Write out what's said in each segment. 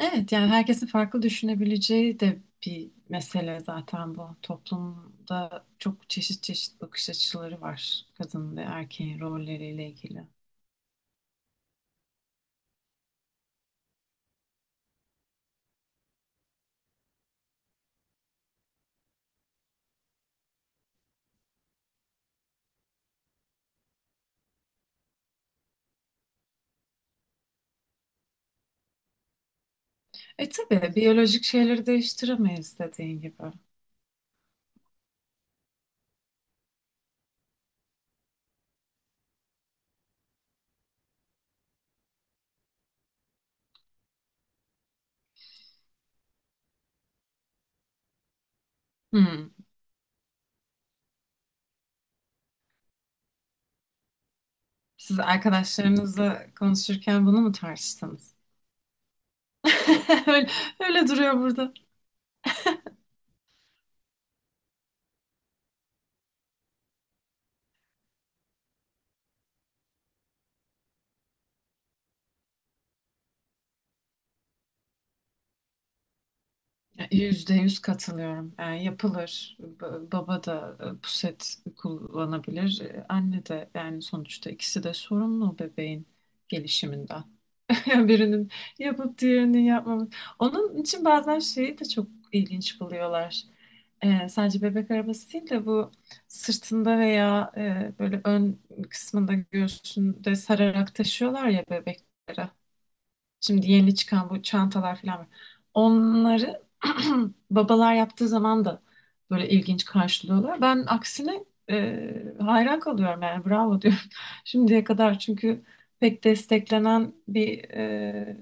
Evet yani herkesin farklı düşünebileceği de bir mesele zaten bu. Toplumda çok çeşit çeşit bakış açıları var kadın ve erkeğin rolleriyle ilgili. Ve biyolojik şeyleri değiştiremeyiz dediğin gibi. Hmm. Siz arkadaşlarınızla konuşurken bunu mu tartıştınız? Öyle duruyor. %100 katılıyorum. Yani yapılır. Baba da puset kullanabilir. Anne de yani sonuçta ikisi de sorumlu bebeğin gelişiminden. Yani birinin yapıp diğerinin yapmaması. Onun için bazen şeyi de çok ilginç buluyorlar. Sadece bebek arabası değil de bu sırtında veya böyle ön kısmında göğsünde sararak taşıyorlar ya bebekleri. Şimdi yeni çıkan bu çantalar falan var. Onları babalar yaptığı zaman da böyle ilginç karşılıyorlar. Ben aksine hayran kalıyorum yani bravo diyorum şimdiye kadar. Çünkü pek desteklenen bir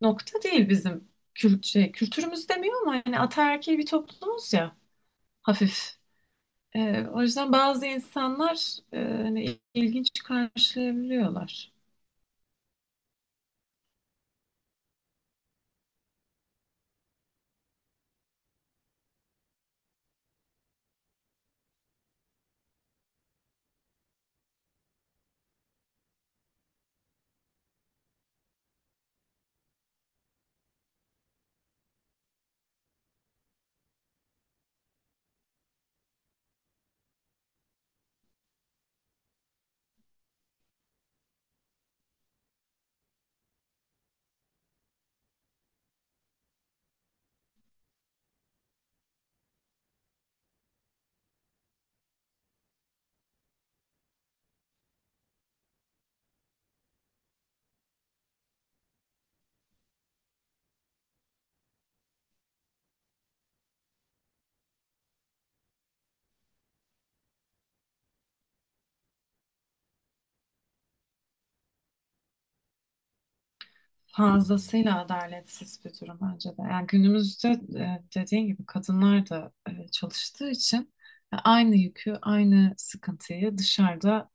nokta değil bizim kültürümüz demiyor ama yani ataerkil bir toplumuz ya hafif. O yüzden bazı insanlar hani ilginç karşılayabiliyorlar. Fazlasıyla adaletsiz bir durum bence de. Yani günümüzde dediğin gibi kadınlar da çalıştığı için aynı yükü, aynı sıkıntıyı dışarıda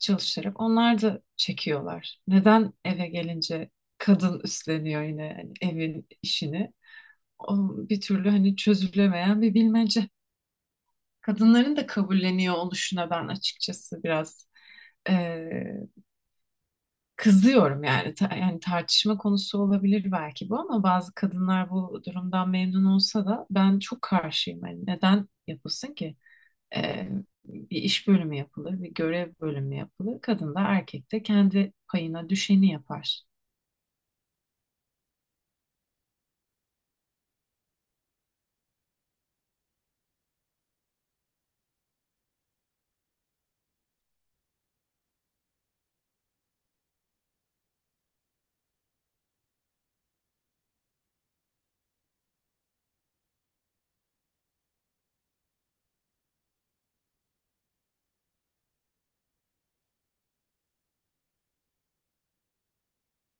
çalışarak onlar da çekiyorlar. Neden eve gelince kadın üstleniyor yine yani evin işini? O bir türlü hani çözülemeyen bir bilmece. Kadınların da kabulleniyor oluşuna ben açıkçası biraz e, Kızıyorum yani. Yani tartışma konusu olabilir belki bu ama bazı kadınlar bu durumdan memnun olsa da ben çok karşıyım. Yani neden yapılsın ki? Ee, bir iş bölümü yapılır, bir görev bölümü yapılır. Kadın da erkek de kendi payına düşeni yapar.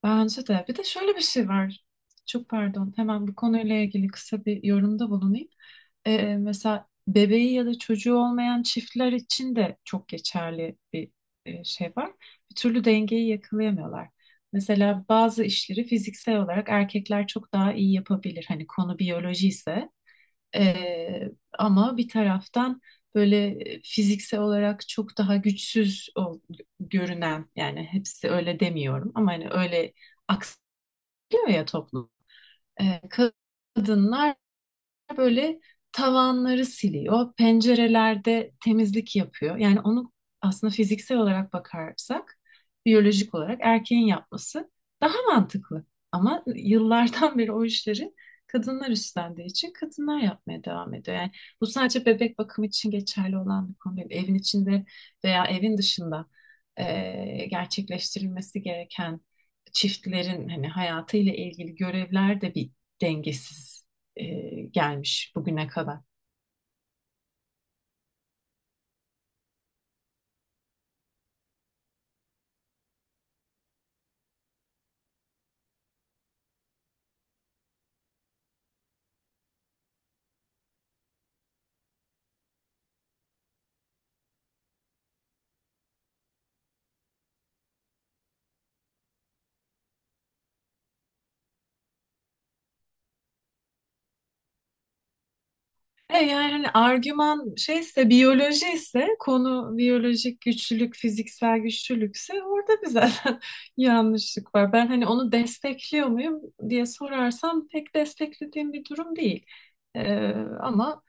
Bence bir şey var. Çok par- hemen bu konuyla ilgili kısa bir yorumda bulunayım. Mesela bebeği ya da çocuğu olmayan çiftler için de çok geçerli bir şey var. Bir türlü dengeyi yakalayamıyorlar. Mesela bazı işleri fiziksel olarak erkekler çok daha iyi yapabilir. Hani konu biyoloji ise, E, ama bir taraftan böyle fiziksel olarak çok daha güçsüz görünen, yani hepsi öyle demiyorum ama hani öyle aksıyor ya toplum. E, kadınlar böyle tavanları siliyor, pencerelerde temizlik yapıyor. Yani onu aslında fiziksel olarak bakarsak, biyolojik olarak erkeğin yapması daha mantıklı. Ama yıllardan beri o işleri kadınlar üstlendiği için kadınlar yapmaya devam ediyor. Yani bu sadece bebek bakımı için geçerli olan bir konu değil. Evin içinde veya evin dışında gerçekleştirilmesi gereken çiftlerin hani hayatıyla ilgili görevler de bir dengesiz, e, bugüne kadar. Yani hani argüman ise, biyoloji ise, konu biyolojik güçlülük, fiziksel güçlülükse orada bir zaten yanlışlık var. Ben hani onu destekliyor muyum diye sorarsam pek desteklediğim bir durum değil. E, ama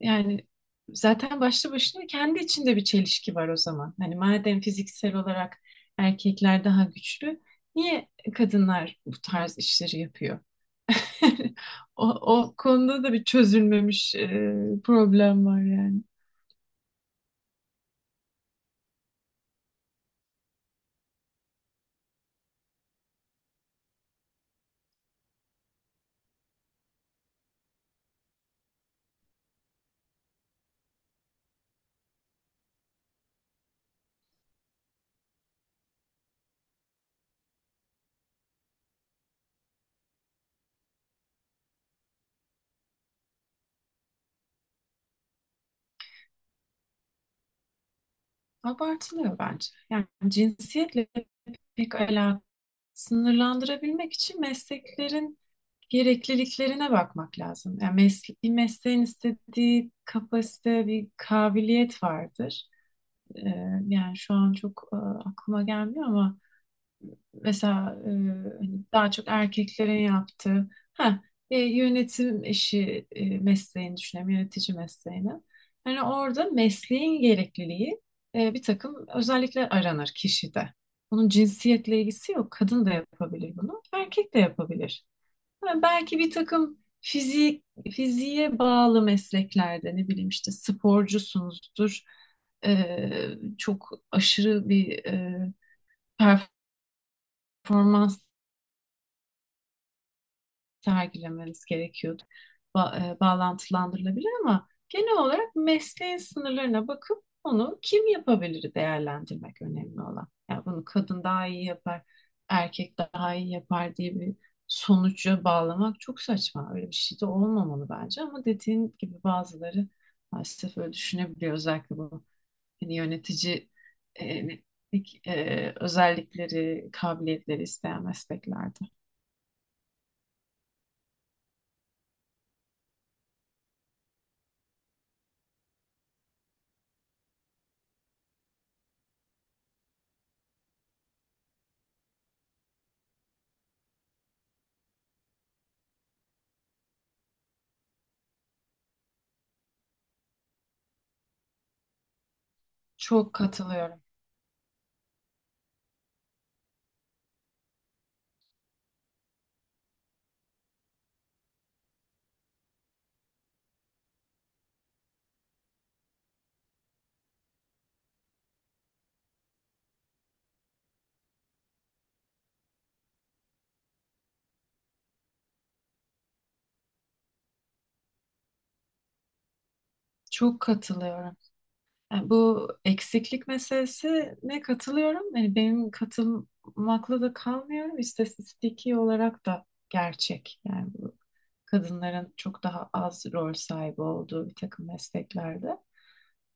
yani zaten başlı başına kendi içinde bir çelişki var o zaman. Hani madem fiziksel olarak erkekler daha güçlü, niye kadınlar bu tarz işleri yapıyor? O konuda da bir çözülmemiş problem var yani. Abartılıyor bence. Yani cinsiyetle pek alakalı. Sınırlandırabilmek için mesleklerin gerekliliklerine bakmak lazım. Yani bir mesleğin istediği kapasite, bir kabiliyet vardır. Ee, yani şu an çok aklıma gelmiyor ama daha çok erkeklerin yaptığı ha yönetim işi, mesleğini düşünelim, yönetici mesleğini. Hani orada mesleğin gerekliliği, bir takım özellikler aranır kişide. Bunun cinsiyetle ilgisi yok. Kadın da yapabilir bunu, erkek de yapabilir. Ha, belki bir takım fiziğe bağlı mesleklerde, ne bileyim işte sporcusunuzdur. E, çok aşırı bir performans sergilemeniz gerekiyordu. Bağlantılandırılabilir ama genel olarak mesleğin sınırlarına bakıp onu kim yapabilir değerlendirmek önemli olan. Yani bunu kadın daha iyi yapar, erkek daha iyi yapar diye bir sonuca bağlamak çok saçma. Öyle bir şey de olmamalı bence ama dediğin gibi bazıları maalesef öyle düşünebiliyor. Özellikle bu hani yöneticilik özellikleri, kabiliyetleri isteyen mesleklerde. Çok katılıyorum. Yani bu eksiklik meselesine katılıyorum. Yani benim katılmakla da kalmıyorum. İstatistiki olarak da gerçek. Yani bu kadınların çok daha az rol sahibi olduğu bir takım mesleklerde.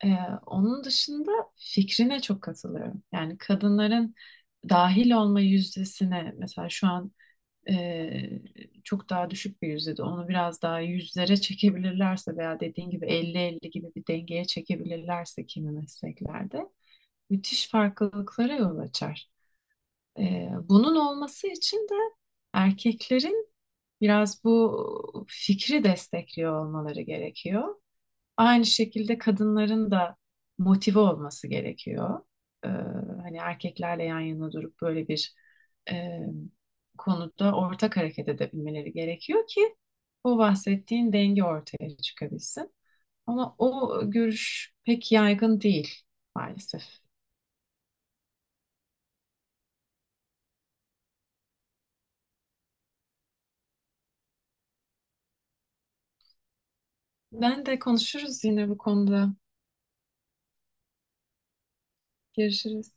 Ee, onun dışında fikrine çok katılıyorum. Yani kadınların dahil olma yüzdesine, mesela şu an e, çok daha düşük bir yüzde, onu biraz daha yüzlere çekebilirlerse veya dediğin gibi 50-50 gibi bir dengeye çekebilirlerse kimi mesleklerde müthiş farklılıklara yol açar. Bunun olması için de erkeklerin biraz bu fikri destekliyor olmaları gerekiyor. Aynı şekilde kadınların da motive olması gerekiyor. Ee, hani erkeklerle yan yana durup böyle bir e, konuda ortak hareket edebilmeleri gerekiyor ki o bahsettiğin denge ortaya çıkabilsin. Ama o görüş pek yaygın değil maalesef. Ben de konuşuruz yine bu konuda. Görüşürüz.